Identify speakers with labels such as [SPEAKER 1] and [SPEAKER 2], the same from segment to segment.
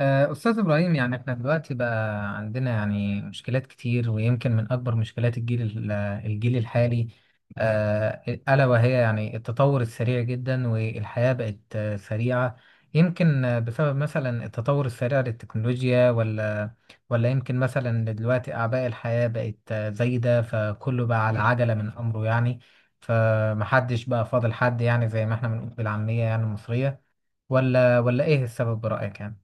[SPEAKER 1] أستاذ إبراهيم، يعني إحنا دلوقتي بقى عندنا يعني مشكلات كتير، ويمكن من أكبر مشكلات الجيل الحالي آه، ألا وهي يعني التطور السريع جدا، والحياة بقت سريعة. يمكن بسبب مثلا التطور السريع للتكنولوجيا، ولا يمكن مثلا دلوقتي أعباء الحياة بقت زايدة، فكله بقى على عجلة من أمره يعني. فمحدش بقى فاضل حد، يعني زي ما إحنا بنقول بالعامية يعني المصرية. ولا إيه السبب برأيك يعني؟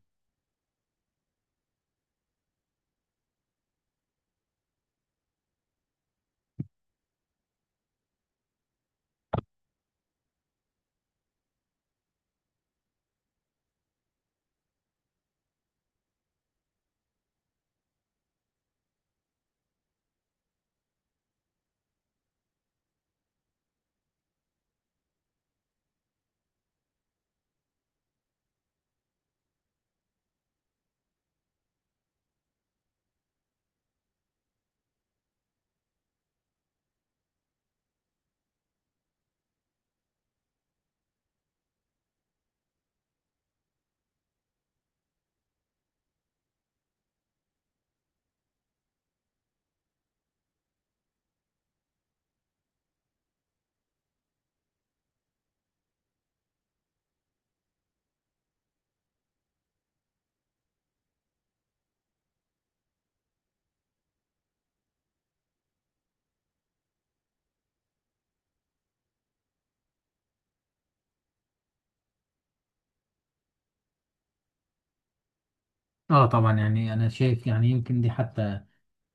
[SPEAKER 1] اه، طبعا يعني انا شايف يعني يمكن دي حتى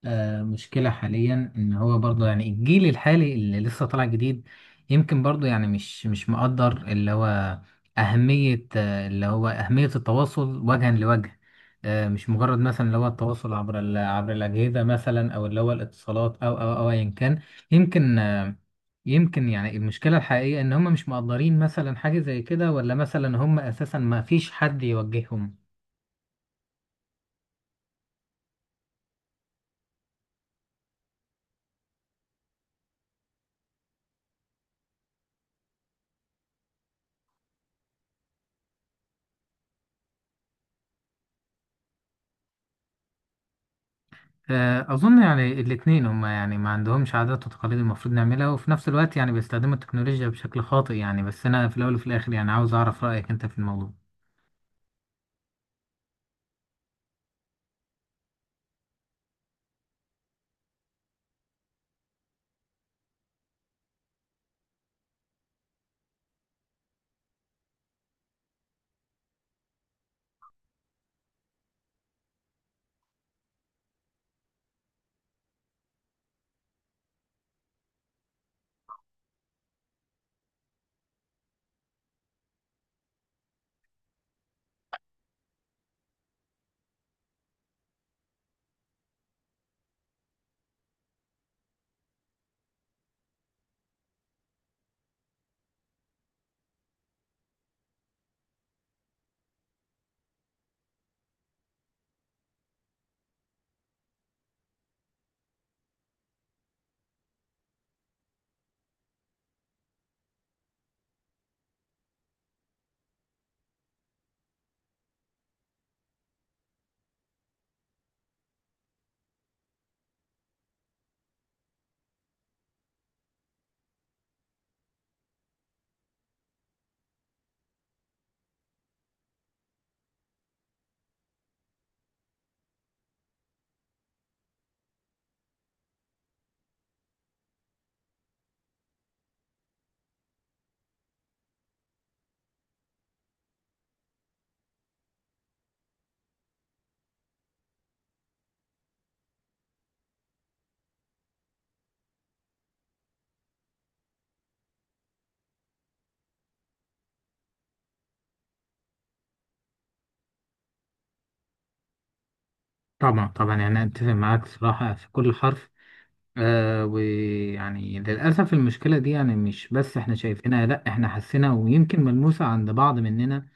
[SPEAKER 1] مشكلة حاليا، ان هو برضه يعني الجيل الحالي اللي لسه طالع جديد يمكن برضه يعني مش مقدر اللي هو اهمية، اللي هو اهمية التواصل وجها لوجه. مش مجرد مثلا اللي هو التواصل عبر عبر الاجهزة، مثلا او اللي هو الاتصالات او ايا كان. يمكن آه يمكن يعني المشكلة الحقيقية ان هم مش مقدرين مثلا حاجة زي كده، ولا مثلا هم اساسا ما فيش حد يوجههم. أظن يعني الاتنين، هما يعني ما عندهمش عادات وتقاليد المفروض نعملها، وفي نفس الوقت يعني بيستخدموا التكنولوجيا بشكل خاطئ يعني. بس أنا في الأول وفي الآخر يعني عاوز أعرف رأيك أنت في الموضوع. طبعا طبعا، يعني أتفق معاك صراحة في كل حرف. ويعني للأسف المشكلة دي يعني مش بس إحنا شايفينها، لأ، إحنا حاسينها، ويمكن ملموسة عند بعض مننا.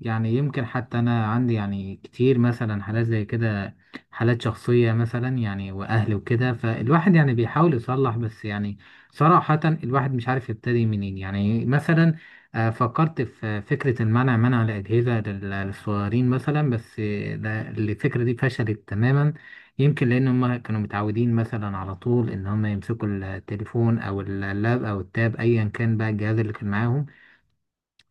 [SPEAKER 1] يعني يمكن حتى أنا عندي يعني كتير مثلا حالات زي كده، حالات شخصية مثلا يعني وأهل وكده، فالواحد يعني بيحاول يصلح، بس يعني صراحة الواحد مش عارف يبتدي منين يعني. مثلا فكرت في فكرة المنع، منع الأجهزة للصغيرين مثلا، بس الفكرة دي فشلت تماما. يمكن لأن هم كانوا متعودين مثلا على طول إن هم يمسكوا التليفون أو اللاب أو التاب، أيا كان بقى الجهاز اللي كان معاهم.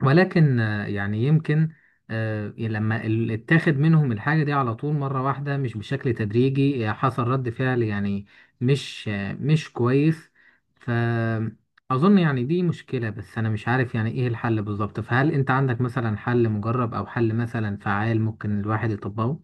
[SPEAKER 1] ولكن آه، يعني يمكن آه، إيه، لما اتاخد منهم الحاجة دي على طول مرة واحدة، مش بشكل تدريجي، حصل رد فعل يعني مش كويس. فأظن يعني دي مشكلة، بس أنا مش عارف يعني إيه الحل بالظبط. فهل أنت عندك مثلا حل مجرب أو حل مثلا فعال ممكن الواحد يطبقه؟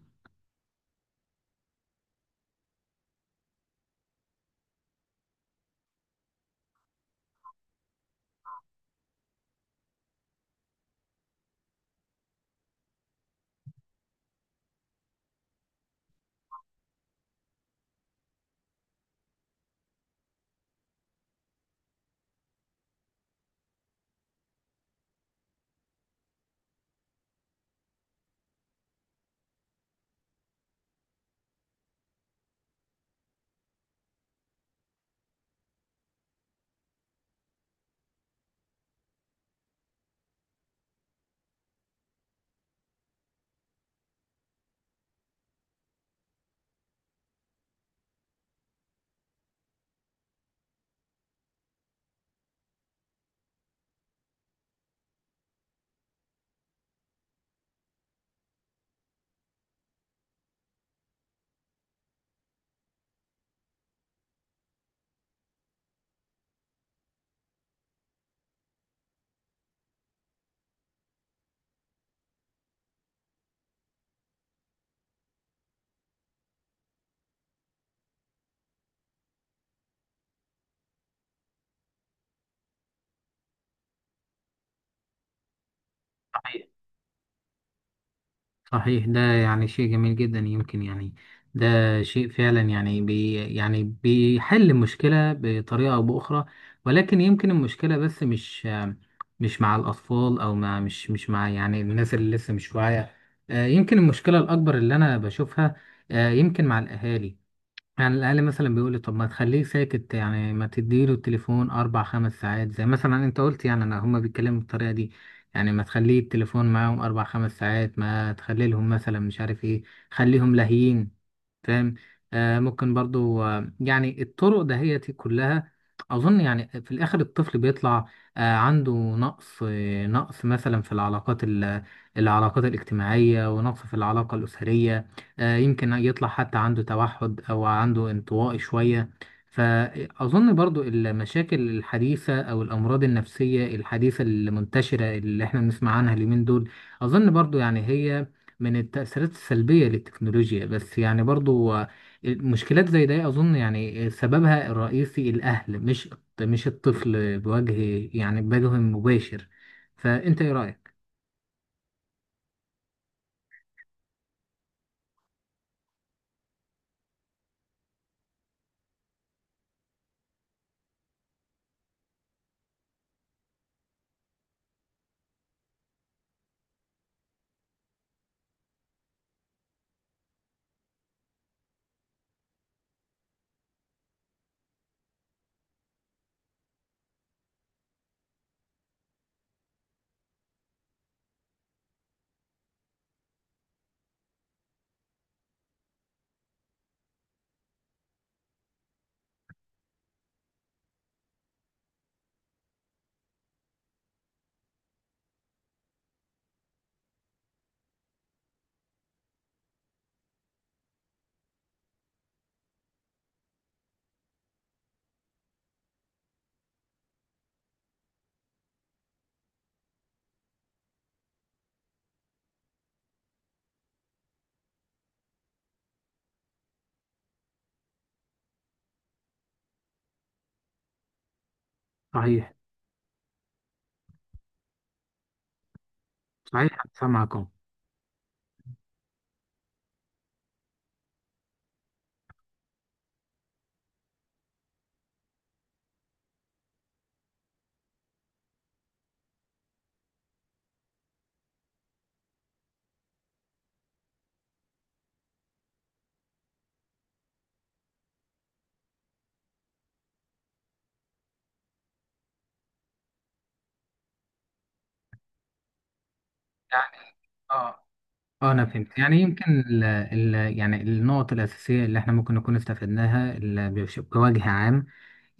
[SPEAKER 1] صحيح، ده يعني شيء جميل جدا. يمكن يعني ده شيء فعلا يعني بي يعني بيحل مشكلة بطريقة أو بأخرى. ولكن يمكن المشكلة بس مش مع الأطفال، أو مع مش مع يعني الناس اللي لسه مش واعية. يمكن المشكلة الأكبر اللي أنا بشوفها يمكن مع الأهالي. على الأقل مثلا بيقول لي، طب ما تخليه ساكت يعني، ما تديله التليفون أربع خمس ساعات، زي مثلا أنت قلت يعني. أنا هما بيتكلموا بالطريقة دي يعني، ما تخليه التليفون معاهم أربع خمس ساعات، ما تخلي لهم مثلا مش عارف إيه، خليهم لاهيين، فاهم. ممكن برضو يعني الطرق دهيتي كلها، اظن يعني في الاخر الطفل بيطلع عنده نقص، نقص مثلا في العلاقات الاجتماعية، ونقص في العلاقة الأسرية. يمكن يطلع حتى عنده توحد، او عنده انطوائي شوية. فأظن برضو المشاكل الحديثة أو الأمراض النفسية الحديثة المنتشرة اللي احنا بنسمع عنها اليومين دول، أظن برضو يعني هي من التأثيرات السلبية للتكنولوجيا. بس يعني برضو المشكلات زي ده أظن يعني سببها الرئيسي الأهل، مش مش الطفل بوجه يعني بوجه مباشر. فأنت إيه رأيك؟ صحيح. صحيح، سامعكم. يعني اه، اه، انا فهمت يعني. يمكن ال ال يعني النقط الاساسيه اللي احنا ممكن نكون استفدناها بوجه عام،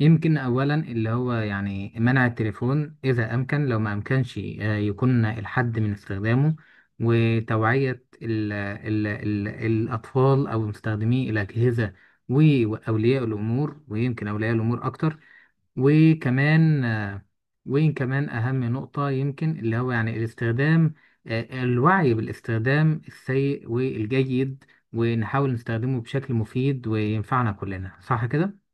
[SPEAKER 1] يمكن أولا اللي هو يعني منع التليفون إذا أمكن، لو ما أمكنش يكون الحد من استخدامه، وتوعية ال ال ال الأطفال أو مستخدمي الأجهزة وأولياء الأمور، ويمكن أولياء الأمور أكتر. وكمان آه، وين كمان أهم نقطة يمكن اللي هو يعني الاستخدام، الوعي بالاستخدام السيء والجيد، ونحاول نستخدمه بشكل مفيد وينفعنا كلنا، صح كده؟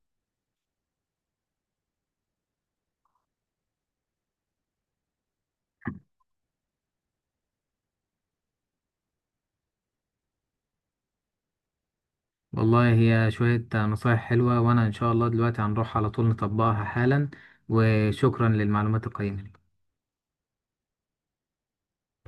[SPEAKER 1] والله هي شوية نصايح حلوة، وأنا إن شاء الله دلوقتي هنروح على طول نطبقها حالا. وشكرا للمعلومات القيمة دي.